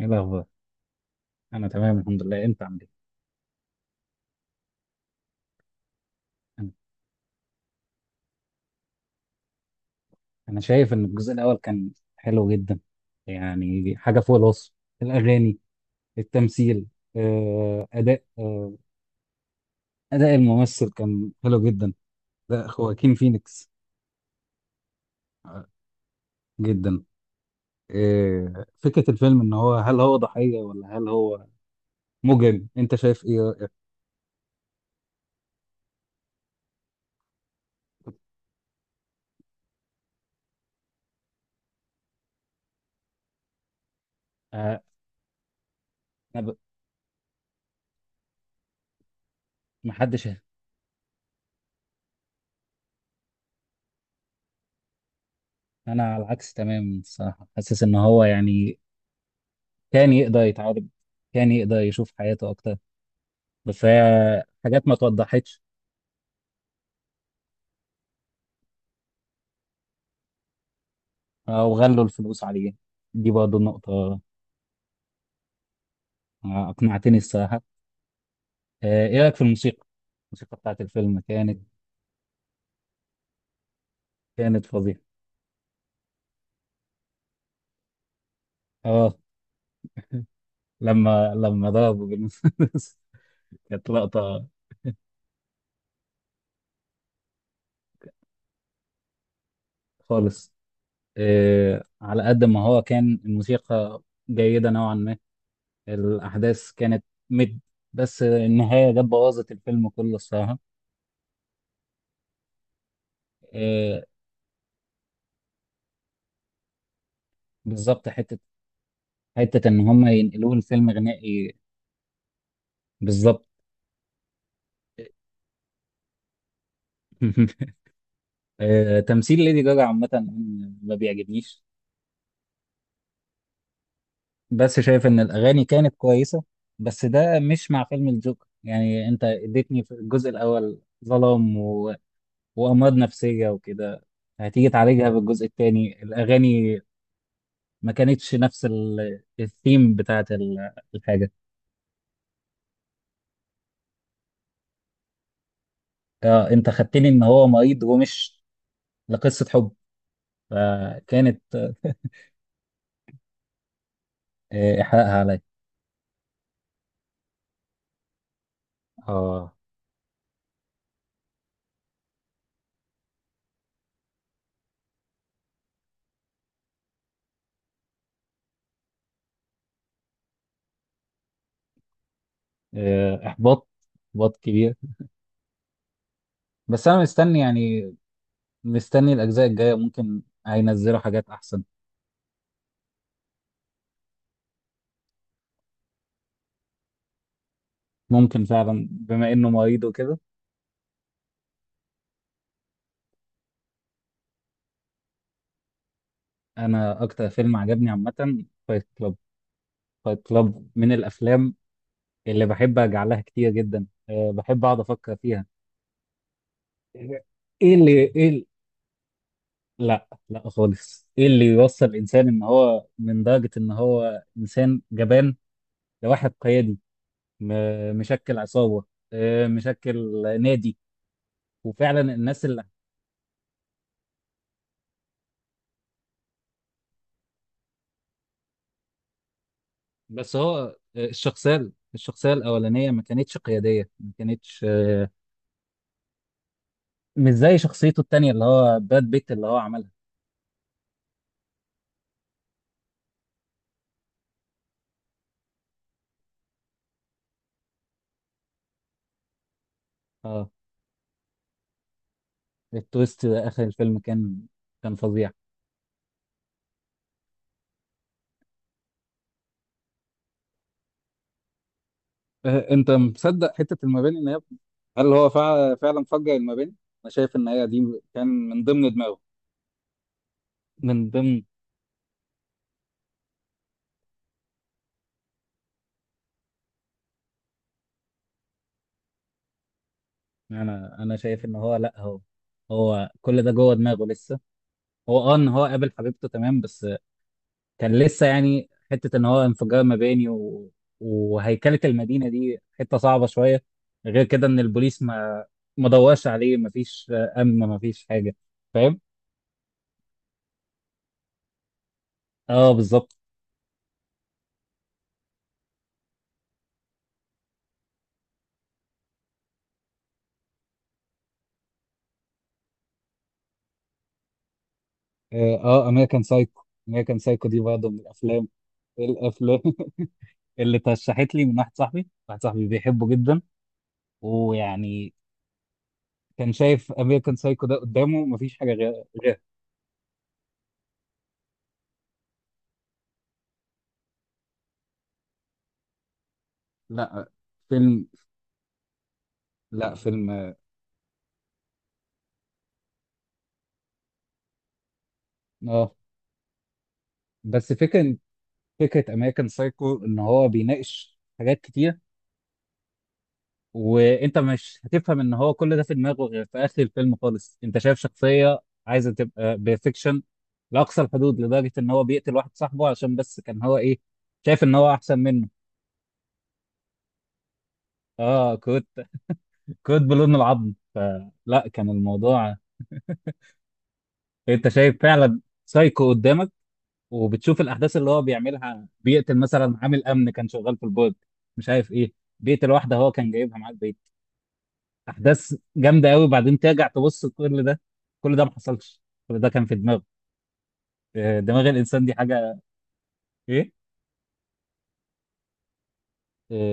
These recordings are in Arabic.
ايه الاخبار؟ انا تمام الحمد لله، انت عامل ايه؟ انا أنا شايف ان الجزء الاول كان حلو جدا، يعني حاجه فوق الوصف. الاغاني، التمثيل، آه، اداء آه، اداء الممثل كان حلو جدا. ده خواكين فينيكس جدا. فكره الفيلم ان هو هل هو ضحيه ولا هل هو مجرم؟ انت شايف ايه؟ آه، انا ب- محدش. انا على العكس تماما الصراحه، حاسس ان هو يعني كان يقدر يتعالج، كان يقدر يشوف حياته اكتر، بس هي حاجات ما توضحتش. وغلوا الفلوس عليه، دي برضه نقطة. أقنعتني الصراحة. إيه رأيك في الموسيقى؟ الموسيقى بتاعت الفيلم كانت فظيعة. آه لما ضربوا بالمسدس. كانت لقطة. خالص. على قد ما هو كان، الموسيقى جيدة نوعا ما، الأحداث كانت مد، بس النهاية جت بوظت الفيلم كله الصراحة. آه، بالظبط. حتة إن هما ينقلوه لفيلم غنائي. بالظبط. تمثيل ليدي جاجا عامة أنا ما بيعجبنيش، بس شايف إن الأغاني كانت كويسة، بس ده مش مع فيلم الجوكر. يعني أنت اديتني في الجزء الأول ظلام و... وأمراض نفسية وكده، هتيجي تعالجها بالجزء التاني؟ الأغاني ما كانتش نفس الثيم بتاعت الحاجة. أنت خدتني إن هو مريض ومش لقصة حب، فكانت. إحراقها عليا. آه. آه، إحباط إحباط كبير. بس أنا مستني يعني، مستني الأجزاء الجاية ممكن هينزلوا حاجات أحسن. ممكن فعلا بما إنه مريض وكده. أنا أكتر فيلم عجبني عامة فايت كلاب. فايت كلاب من الأفلام اللي بحب أرجع لها كتير جدا، أه بحب أقعد أفكر فيها. إيه اللي إيه اللي... لا، لا خالص. إيه اللي يوصل الإنسان إن هو من درجة إن هو إنسان جبان لواحد قيادي؟ مشكل عصابة، مشكل نادي. وفعلا الناس اللي، بس هو، الشخصية الأولانية ما كانتش قيادية، ما كانتش، مش زي شخصيته التانية اللي هو براد بيت اللي هو عملها. اه التويست آخر الفيلم كان فظيع. انت مصدق حته المباني ان هي، هل هو فعلا فجر المباني؟ انا شايف ان هي دي كان من ضمن دماغه. من ضمن. أنا شايف إن هو، لأ، هو كل ده جوه دماغه لسه. هو اه إن هو قابل حبيبته تمام، بس كان لسه يعني حته ان هو انفجار مباني و... وهيكله المدينه دي، حته صعبه شويه. غير كده ان البوليس ما دورش عليه، ما فيش امن، ما فيش حاجه، فاهم. اه بالظبط. امريكان سايكو. امريكان سايكو دي برضه من الافلام. إيه الافلام؟ اللي ترشحت لي من واحد صاحبي بيحبه جدا ويعني كان شايف امريكان سايكو ده قدامه مفيش حاجه غير، غير. لا فيلم. لا فيلم. اه بس فكرة، امريكان سايكو ان هو بيناقش حاجات كتير، وانت مش هتفهم ان هو كل ده في دماغه غير في اخر الفيلم خالص. انت شايف شخصيه عايزه تبقى بيرفكشن لاقصى الحدود، لدرجه ان هو بيقتل واحد صاحبه عشان بس كان هو ايه؟ شايف ان هو احسن منه. اه كنت كنت بلون العظم، فلا كان الموضوع. انت شايف فعلا سايكو قدامك، وبتشوف الاحداث اللي هو بيعملها. بيقتل مثلا عامل امن كان شغال في البورد، مش عارف ايه، بيقتل واحده هو كان جايبها معاه البيت. احداث جامده قوي، وبعدين ترجع تبص كل ده، كل ده ما حصلش. كل ده كان في دماغه. دماغ الانسان دي حاجه ايه.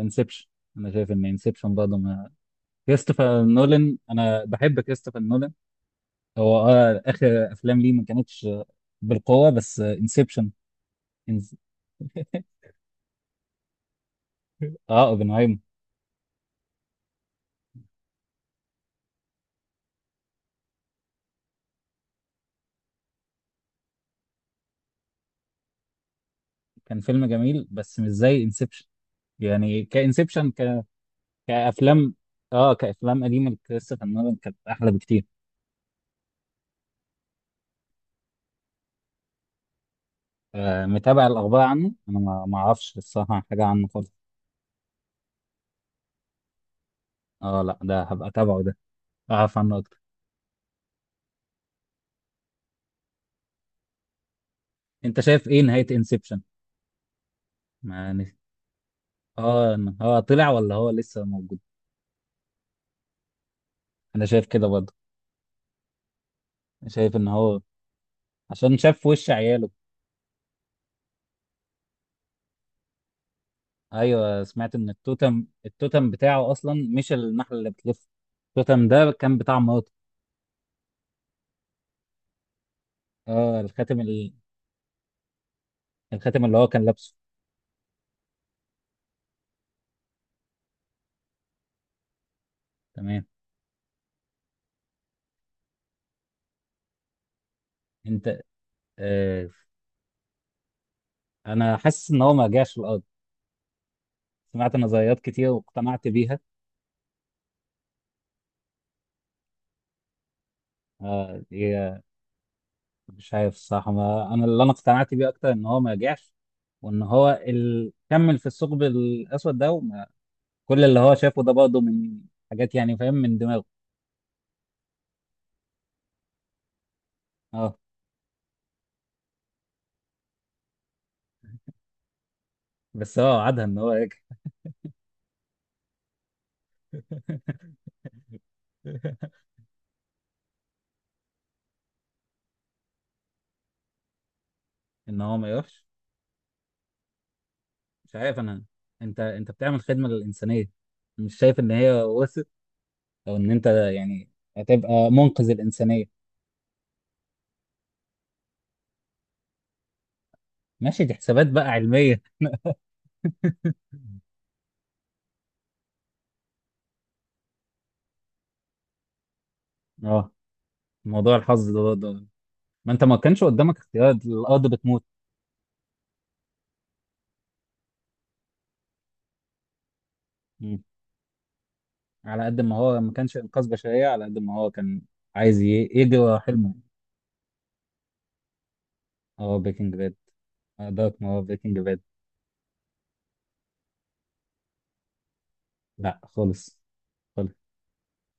انسبشن. انا شايف ان انسبشن برضه ما. كريستوفر نولان، انا بحب كريستوفر نولان. هو اه اخر افلام ليه ما كانتش بالقوه، بس انسبشن. إنز... اه اوبنهايمر. كان فيلم جميل بس مش زي انسبشن. يعني كانسبشن، كافلام، اه كافلام قديمه لكريستوفر نولان كانت احلى بكتير. متابع الاخبار عنه؟ انا ما اعرفش الصراحه حاجه عنه خالص. اه لا، ده هبقى اتابعه ده، اعرف عنه اكتر. انت شايف ايه نهاية انسبشن؟ يعني اه إن هو طلع ولا هو لسه موجود. انا شايف كده برضه، شايف ان هو عشان شاف في وش عياله. ايوه، سمعت ان التوتم بتاعه اصلا مش النحلة اللي بتلف، التوتم ده كان بتاع مراته. اه الخاتم، الخاتم اللي هو كان لابسه. تمام. انت آه انا حاسس ان هو ما رجعش الارض، سمعت نظريات كتير واقتنعت بيها. آه مش عارف الصراحة، ما أنا اللي أنا اقتنعت بيه أكتر إن هو ما رجعش، وإن هو كمل في الثقب الأسود ده وما... كل اللي هو شافه ده برضه من حاجات، يعني فاهم، من دماغه. أه بس هو وعدها إن هو يرجع. إن هو ما يروحش. مش عارف أنا. أنت بتعمل خدمة للإنسانية، مش شايف إن هي وصلت، أو إن أنت يعني هتبقى منقذ الإنسانية؟ ماشي، دي حسابات بقى علمية. أه موضوع الحظ ده برضه، ما انت ما كانش قدامك اختيار، الارض بتموت. مم. على قد ما هو ما كانش انقاذ بشريه، على قد ما هو كان عايز يجري ورا حلمه. اه بريكنج باد. دارك، ما هو بريكنج باد. لا خالص، خالص.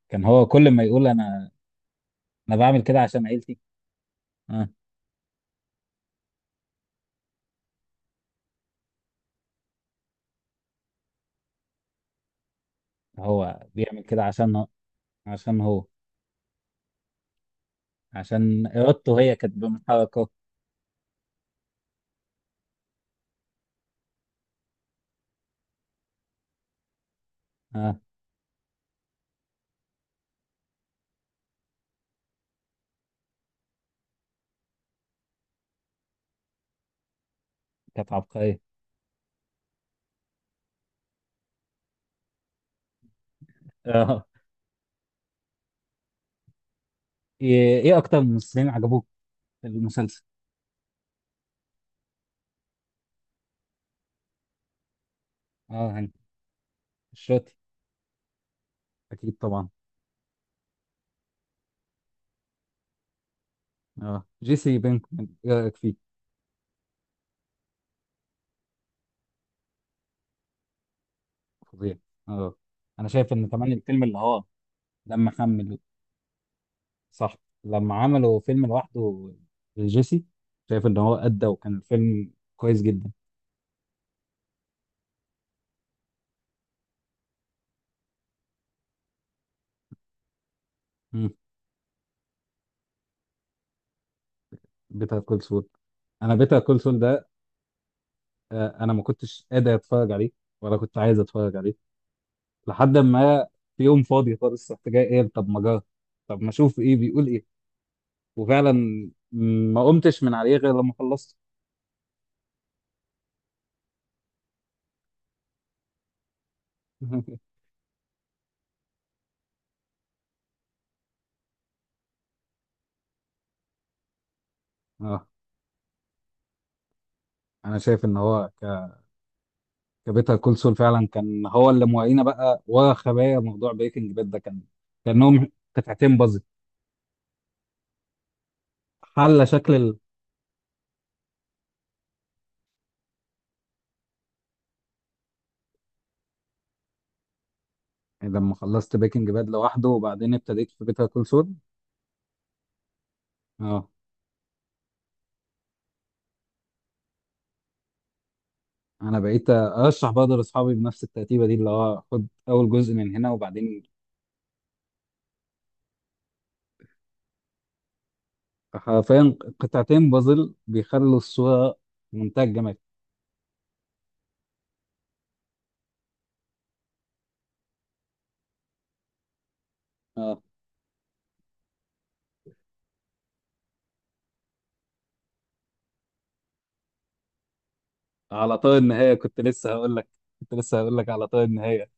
كان هو كل ما يقول، انا بعمل كده عشان عيلتي. اه، هو بيعمل كده عشان هو- عشان هو عشان ارادته هي كانت بمحركه. اه كانت عبقريه. اه. إيه اكتر ممثلين عجبوك في المسلسل؟ اه هانك، الشاطي. اكيد طبعا. اه جيسي بينكمان، ايه رايك فيه؟ فظيع. اه انا شايف ان كمان الفيلم اللي هو لما خمل، صح، لما عملوا فيلم لوحده جيسي، شايف ان هو ادى وكان الفيلم كويس جدا. مم. بيتر كول سول. انا بيتر كول سول ده انا ما كنتش قادر اتفرج عليه ولا كنت عايز اتفرج عليه، لحد ما في يوم فاضي خالص، رحت جاي قايل طب ما جرب، طب ما اشوف ايه بيقول ايه. وفعلا ما قمتش من عليه غير لما خلصت. اه انا شايف ان هو كابيتال كول سول فعلا كان هو اللي موعينا بقى وخبايا موضوع بريكنج باد ده، كان كانهم قطعتين بازل. حل شكل يعني لما خلصت بريكنج باد لوحده وبعدين ابتديت في بيتر كول سول. اه انا بقيت ارشح برضه لاصحابي بنفس الترتيبه دي، اللي هو خد اول جزء من هنا وبعدين، حرفيا قطعتين بازل بيخلوا الصوره منتهى الجمال. اه، على طار النهايه كنت لسه هقول لك، كنت لسه هقول لك على طار النهايه،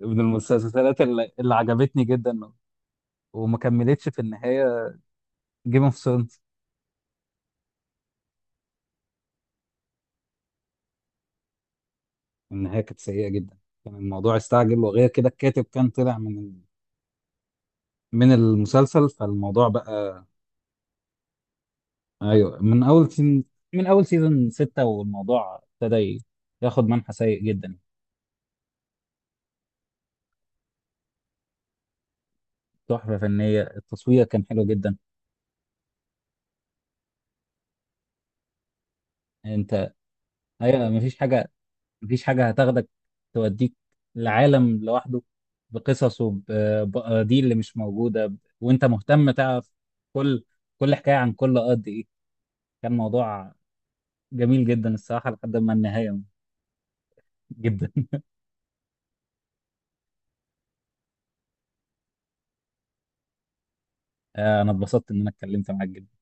من المسلسلات اللي عجبتني جدا وما كملتش في النهايه، جيم اوف ثرونز. النهايه كانت سيئه جدا، كان الموضوع استعجل، وغير كده الكاتب كان طلع من من المسلسل، فالموضوع بقى. ايوه من اول سيزون ستة، والموضوع ابتدى ياخد منحى سيء جدا. تحفه فنيه، التصوير كان حلو جدا. انت ايوه مفيش حاجه، مفيش حاجه هتاخدك، توديك لعالم لوحده، بقصصه بقضيه اللي مش موجوده، وانت مهتم تعرف، كل كل حكايه عن كل قد ايه. كان موضوع جميل جدا الصراحة لحد ما النهاية. جدا. أنا اتبسطت إن أنا اتكلمت معاك جدا.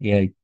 ياي.